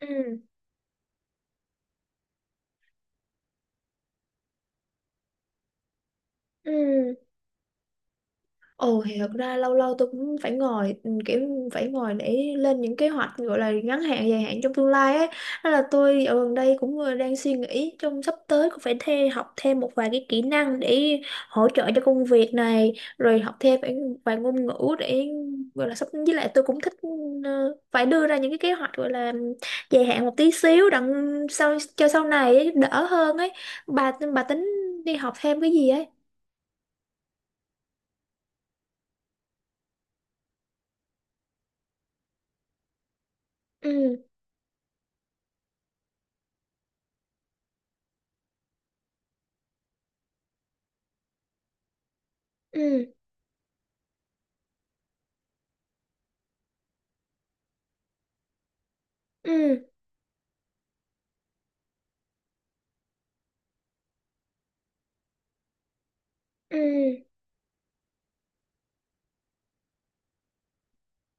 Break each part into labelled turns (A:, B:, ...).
A: Ừ, ừ. Thì thật ra lâu lâu tôi cũng phải ngồi kiểu phải ngồi để lên những kế hoạch gọi là ngắn hạn, dài hạn trong tương lai ấy, nên là tôi ở gần đây cũng vừa đang suy nghĩ trong sắp tới cũng phải học thêm một vài cái kỹ năng để hỗ trợ cho công việc này, rồi học thêm phải vài ngôn ngữ để gọi là sắp, với lại tôi cũng thích phải đưa ra những cái kế hoạch gọi là dài hạn một tí xíu, đặng sau cho sau này ấy, đỡ hơn ấy. Bà tính đi học thêm cái gì ấy? Ừ, ừ, ừ, ừ,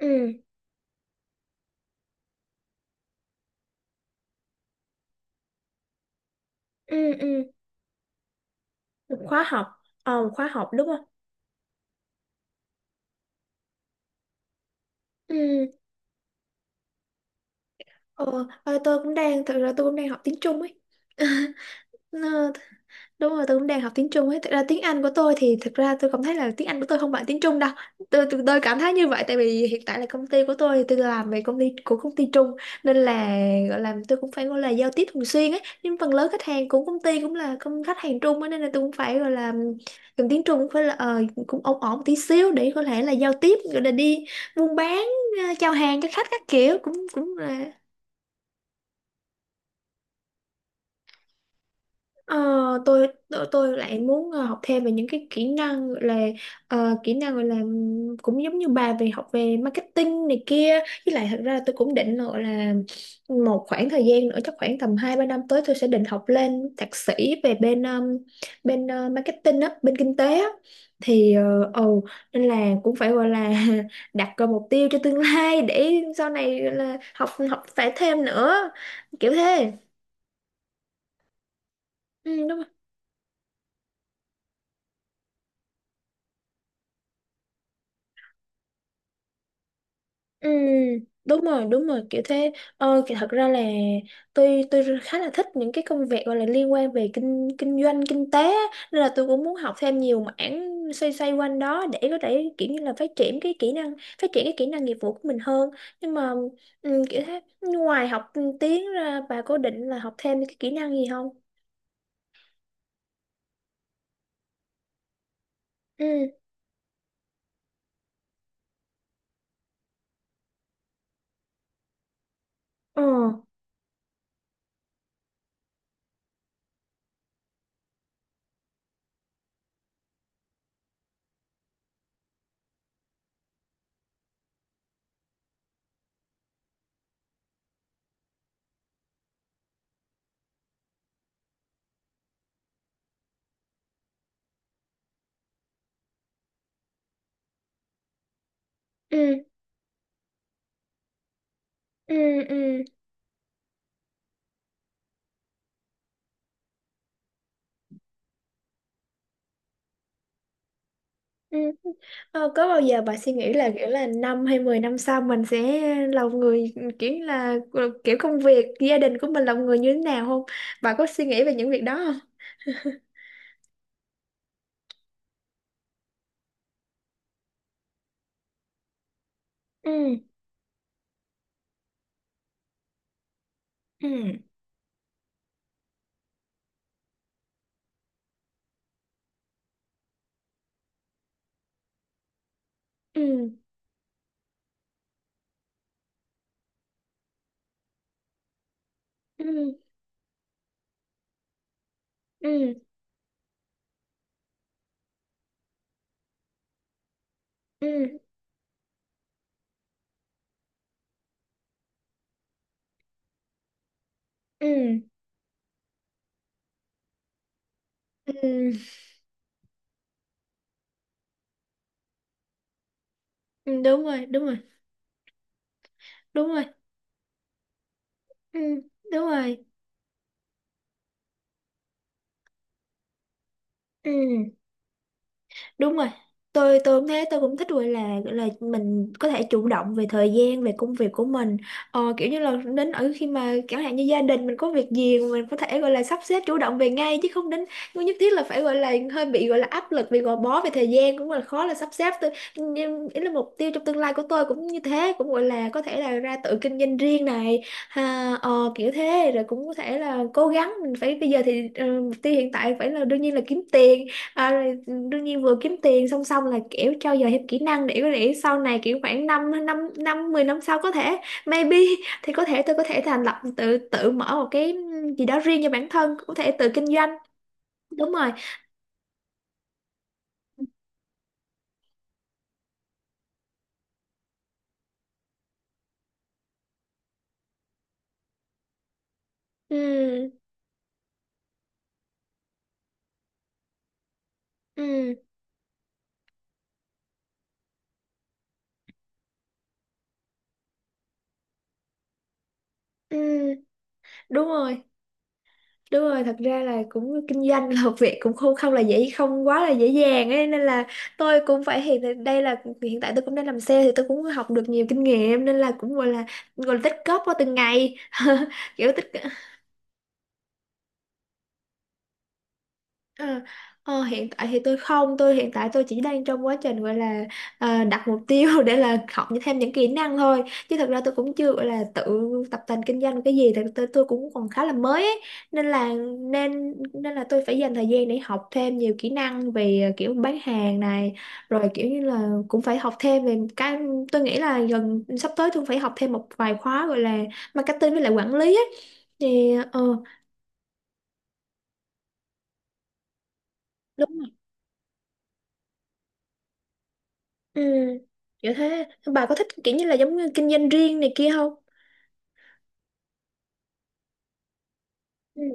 A: ừ, ừ, ừ. một khóa học Một khóa học đúng không? Ừ. Ờ. ờ, tôi cũng đang Thực ra tôi cũng đang học tiếng Trung ấy. Ờ, th- Đúng rồi, tôi cũng đang học tiếng Trung ấy. Thật ra tiếng Anh của tôi thì thật ra tôi cảm thấy là tiếng Anh của tôi không bằng tiếng Trung đâu. Tôi cảm thấy như vậy tại vì hiện tại là công ty của tôi thì tôi làm về công ty của công ty Trung, nên là gọi là tôi cũng phải gọi là giao tiếp thường xuyên ấy. Nhưng phần lớn khách hàng của công ty cũng là công khách hàng Trung ấy, nên là tôi cũng phải gọi là dùng tiếng Trung cũng phải là cũng ổn ổn tí xíu để có thể là giao tiếp, gọi là đi buôn bán, chào hàng cho khách các kiểu cũng cũng. Ờ, tôi lại muốn học thêm về những cái kỹ năng gọi là kỹ năng gọi là cũng giống như bà, về học về marketing này kia, với lại thật ra là tôi cũng định là gọi là một khoảng thời gian nữa chắc khoảng tầm 2 3 năm tới tôi sẽ định học lên thạc sĩ về bên bên marketing á, bên kinh tế á. Thì ồ nên là cũng phải gọi là đặt ra mục tiêu cho tương lai để sau này gọi là học học phải thêm nữa, kiểu thế. Ừ, đúng. Ừ, đúng rồi, kiểu thế. Ờ, thì thật ra là tôi khá là thích những cái công việc gọi là liên quan về kinh kinh doanh, kinh tế á. Nên là tôi cũng muốn học thêm nhiều mảng xoay xoay quanh đó để có thể kiểu như là phát triển cái kỹ năng, phát triển cái kỹ năng nghiệp vụ của mình hơn. Nhưng mà ừ, kiểu thế, ngoài học tiếng ra bà có định là học thêm cái kỹ năng gì không? Ừ, ờ, ừ, ừ, ừ. Ừ. Ờ, có bao giờ bà suy nghĩ là kiểu là 5 hay 10 năm sau mình sẽ lòng người, kiểu như là kiểu công việc gia đình của mình lòng người như thế nào không? Bà có suy nghĩ về những việc đó không? Ừ, ừ. Ừ, ừ, ừ, ừ, ừ, ừ, ừ, đúng rồi, đúng rồi, đúng rồi, ừ, đúng rồi, ừ. Đúng rồi. Tôi cũng thế, tôi cũng thích gọi là mình có thể chủ động về thời gian, về công việc của mình. Ờ, kiểu như là đến ở khi mà chẳng hạn như gia đình mình có việc gì mà mình có thể gọi là sắp xếp chủ động về ngay, chứ không đến không nhất thiết là phải gọi là hơi bị gọi là áp lực vì gò bó về thời gian cũng là khó là sắp xếp. Tôi nhưng ý là mục tiêu trong tương lai của tôi cũng như thế, cũng gọi là có thể là ra tự kinh doanh riêng này. Ha, ờ, kiểu thế rồi cũng có thể là cố gắng mình phải bây giờ thì mục tiêu hiện tại phải là đương nhiên là kiếm tiền. À, rồi đương nhiên vừa kiếm tiền song song là kiểu trau dồi thêm kỹ năng để có thể sau này kiểu khoảng 5 năm năm năm 10 năm sau có thể maybe thì có thể tôi có thể thành lập tự tự mở một cái gì đó riêng cho bản thân, có thể tự kinh doanh. Đúng rồi. Ừ, ừ, ừ, đúng rồi. Đúng rồi, thật ra là cũng kinh doanh là một việc cũng không không là dễ, không quá là dễ dàng ấy, nên là tôi cũng phải đây là hiện tại tôi cũng đang làm sale thì tôi cũng học được nhiều kinh nghiệm, nên là cũng gọi là tích góp qua từng ngày kiểu tích. Ờ, hiện tại thì tôi không, tôi hiện tại tôi chỉ đang trong quá trình gọi là đặt mục tiêu để là học thêm những kỹ năng thôi. Chứ thật ra tôi cũng chưa gọi là tự tập tành kinh doanh cái gì, thật tôi cũng còn khá là mới ấy. Nên là nên nên là tôi phải dành thời gian để học thêm nhiều kỹ năng về kiểu bán hàng này, rồi kiểu như là cũng phải học thêm về cái tôi nghĩ là gần sắp tới tôi phải học thêm một vài khóa gọi là marketing với lại quản lý ấy. Thì đúng. Ừ, kiểu thế, bà có thích kiểu như là giống như kinh doanh riêng này kia không? Ừ,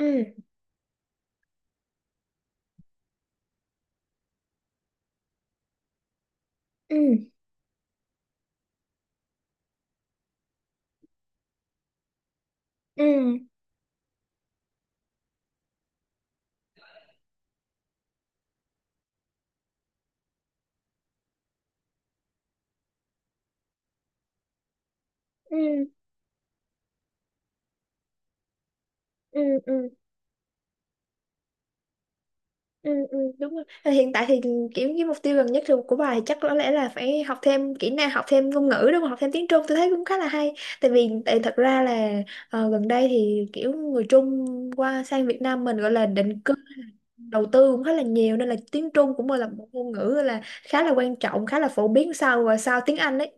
A: ừ, ừ, ừ, ừ, ừ, ừ, ừ, ừ, đúng rồi. Ờ, hiện tại thì kiểu cái mục tiêu gần nhất thì của bà thì chắc có lẽ là phải học thêm kỹ năng, học thêm ngôn ngữ đúng không, học thêm tiếng Trung tôi thấy cũng khá là hay, tại vì tại thật ra là gần đây thì kiểu người Trung qua sang Việt Nam mình gọi là định cư, đầu tư cũng khá là nhiều, nên là tiếng Trung cũng là một ngôn ngữ là khá là quan trọng, khá là phổ biến sau và sau tiếng Anh đấy.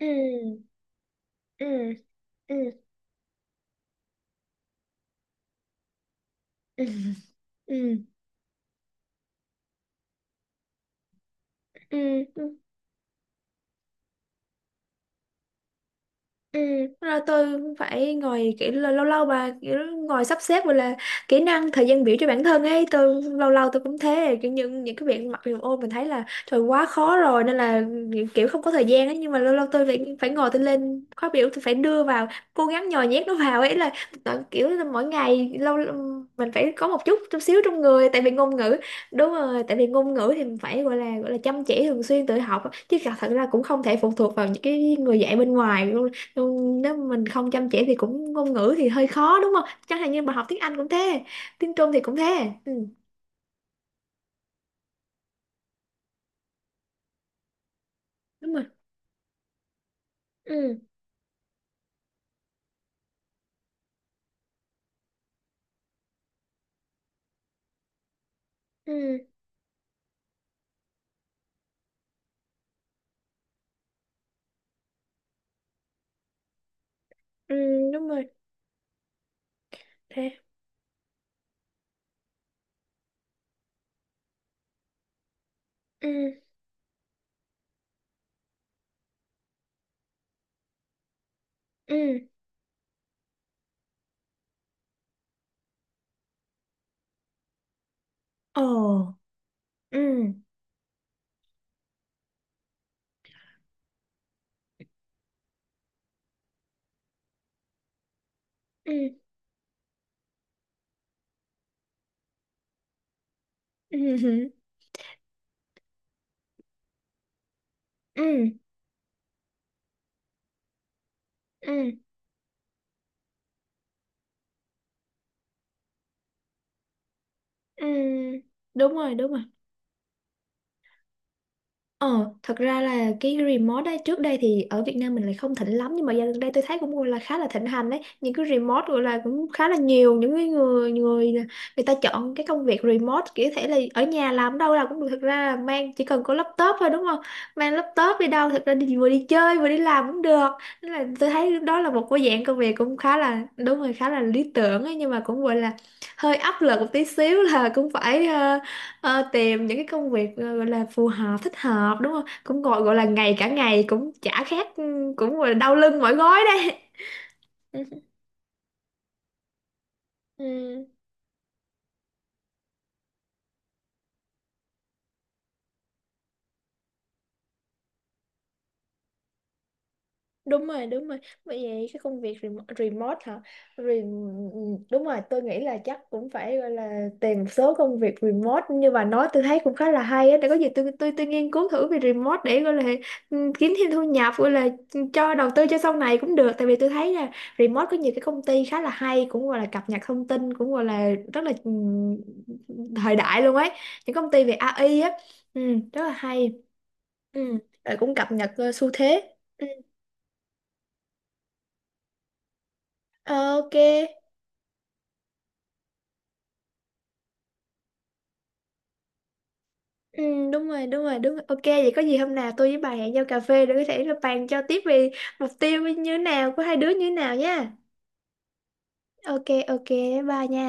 A: Ừ, ừ, ừ, ừ, ừ, ừ, ừ. Ừ, rồi tôi phải ngồi kiểu là lâu lâu bà kiểu ngồi sắp xếp gọi là kỹ năng thời gian biểu cho bản thân ấy, tôi lâu lâu tôi cũng thế kiểu những cái việc mặc dù ô mình thấy là trời quá khó rồi nên là kiểu không có thời gian ấy, nhưng mà lâu lâu tôi phải phải ngồi tôi lên khóa biểu tôi phải đưa vào cố gắng nhồi nhét nó vào ấy, là kiểu là mỗi ngày lâu mình phải có một chút chút xíu trong người tại vì ngôn ngữ. Đúng rồi, tại vì ngôn ngữ thì mình phải gọi là chăm chỉ thường xuyên tự học, chứ thật thật ra cũng không thể phụ thuộc vào những cái người dạy bên ngoài. Ừ, nếu mà mình không chăm chỉ thì cũng ngôn ngữ thì hơi khó đúng không, chẳng hạn như mà học tiếng Anh cũng thế, tiếng Trung thì cũng thế. Ừ, đúng rồi. Ừ, ừ, ừ, đúng rồi, thế. Ừ, ừ, ồ, ừ, ừ, ừ, ừ, ừ, ừ, ừ. Đúng rồi, đúng rồi. Ờ, thật ra là cái remote đấy trước đây thì ở Việt Nam mình lại không thịnh lắm, nhưng mà dạo gần đây tôi thấy cũng gọi là khá là thịnh hành đấy, những cái remote gọi là cũng khá là nhiều những cái người người người ta chọn cái công việc remote kiểu thể là ở nhà làm đâu là cũng được, thật ra là mang chỉ cần có laptop thôi đúng không, mang laptop đi đâu thật ra đi vừa đi chơi vừa đi làm cũng được, nên là tôi thấy đó là một cái dạng công việc cũng khá là đúng rồi, khá là lý tưởng ấy, nhưng mà cũng gọi là hơi áp lực một tí xíu là cũng phải Ờ, tìm những cái công việc gọi là phù hợp thích hợp đúng không, cũng gọi gọi là ngày cả ngày cũng chả khác, ừ, cũng gọi là đau lưng mỏi gối đây. Ừ. Đúng rồi, đúng rồi. Bởi vậy cái công việc remote hả? Rem... Đúng rồi, tôi nghĩ là chắc cũng phải gọi là tìm một số công việc remote, nhưng mà nói tôi thấy cũng khá là hay á, để có gì tôi nghiên cứu thử về remote để gọi là ừ, kiếm thêm thu nhập gọi là cho đầu tư cho sau này cũng được, tại vì tôi thấy là remote có nhiều cái công ty khá là hay, cũng gọi là cập nhật thông tin cũng gọi là rất là thời đại luôn ấy, những công ty về AI á, ừ, rất là hay, ừ, rồi cũng cập nhật xu thế. Ừ, Ờ, ok. Ừ, đúng rồi, đúng rồi, đúng rồi. Ok, vậy có gì hôm nào tôi với bà hẹn nhau cà phê để có thể là bàn cho tiếp về mục tiêu như thế nào của hai đứa như thế nào nha. Ok, ok, bye nha.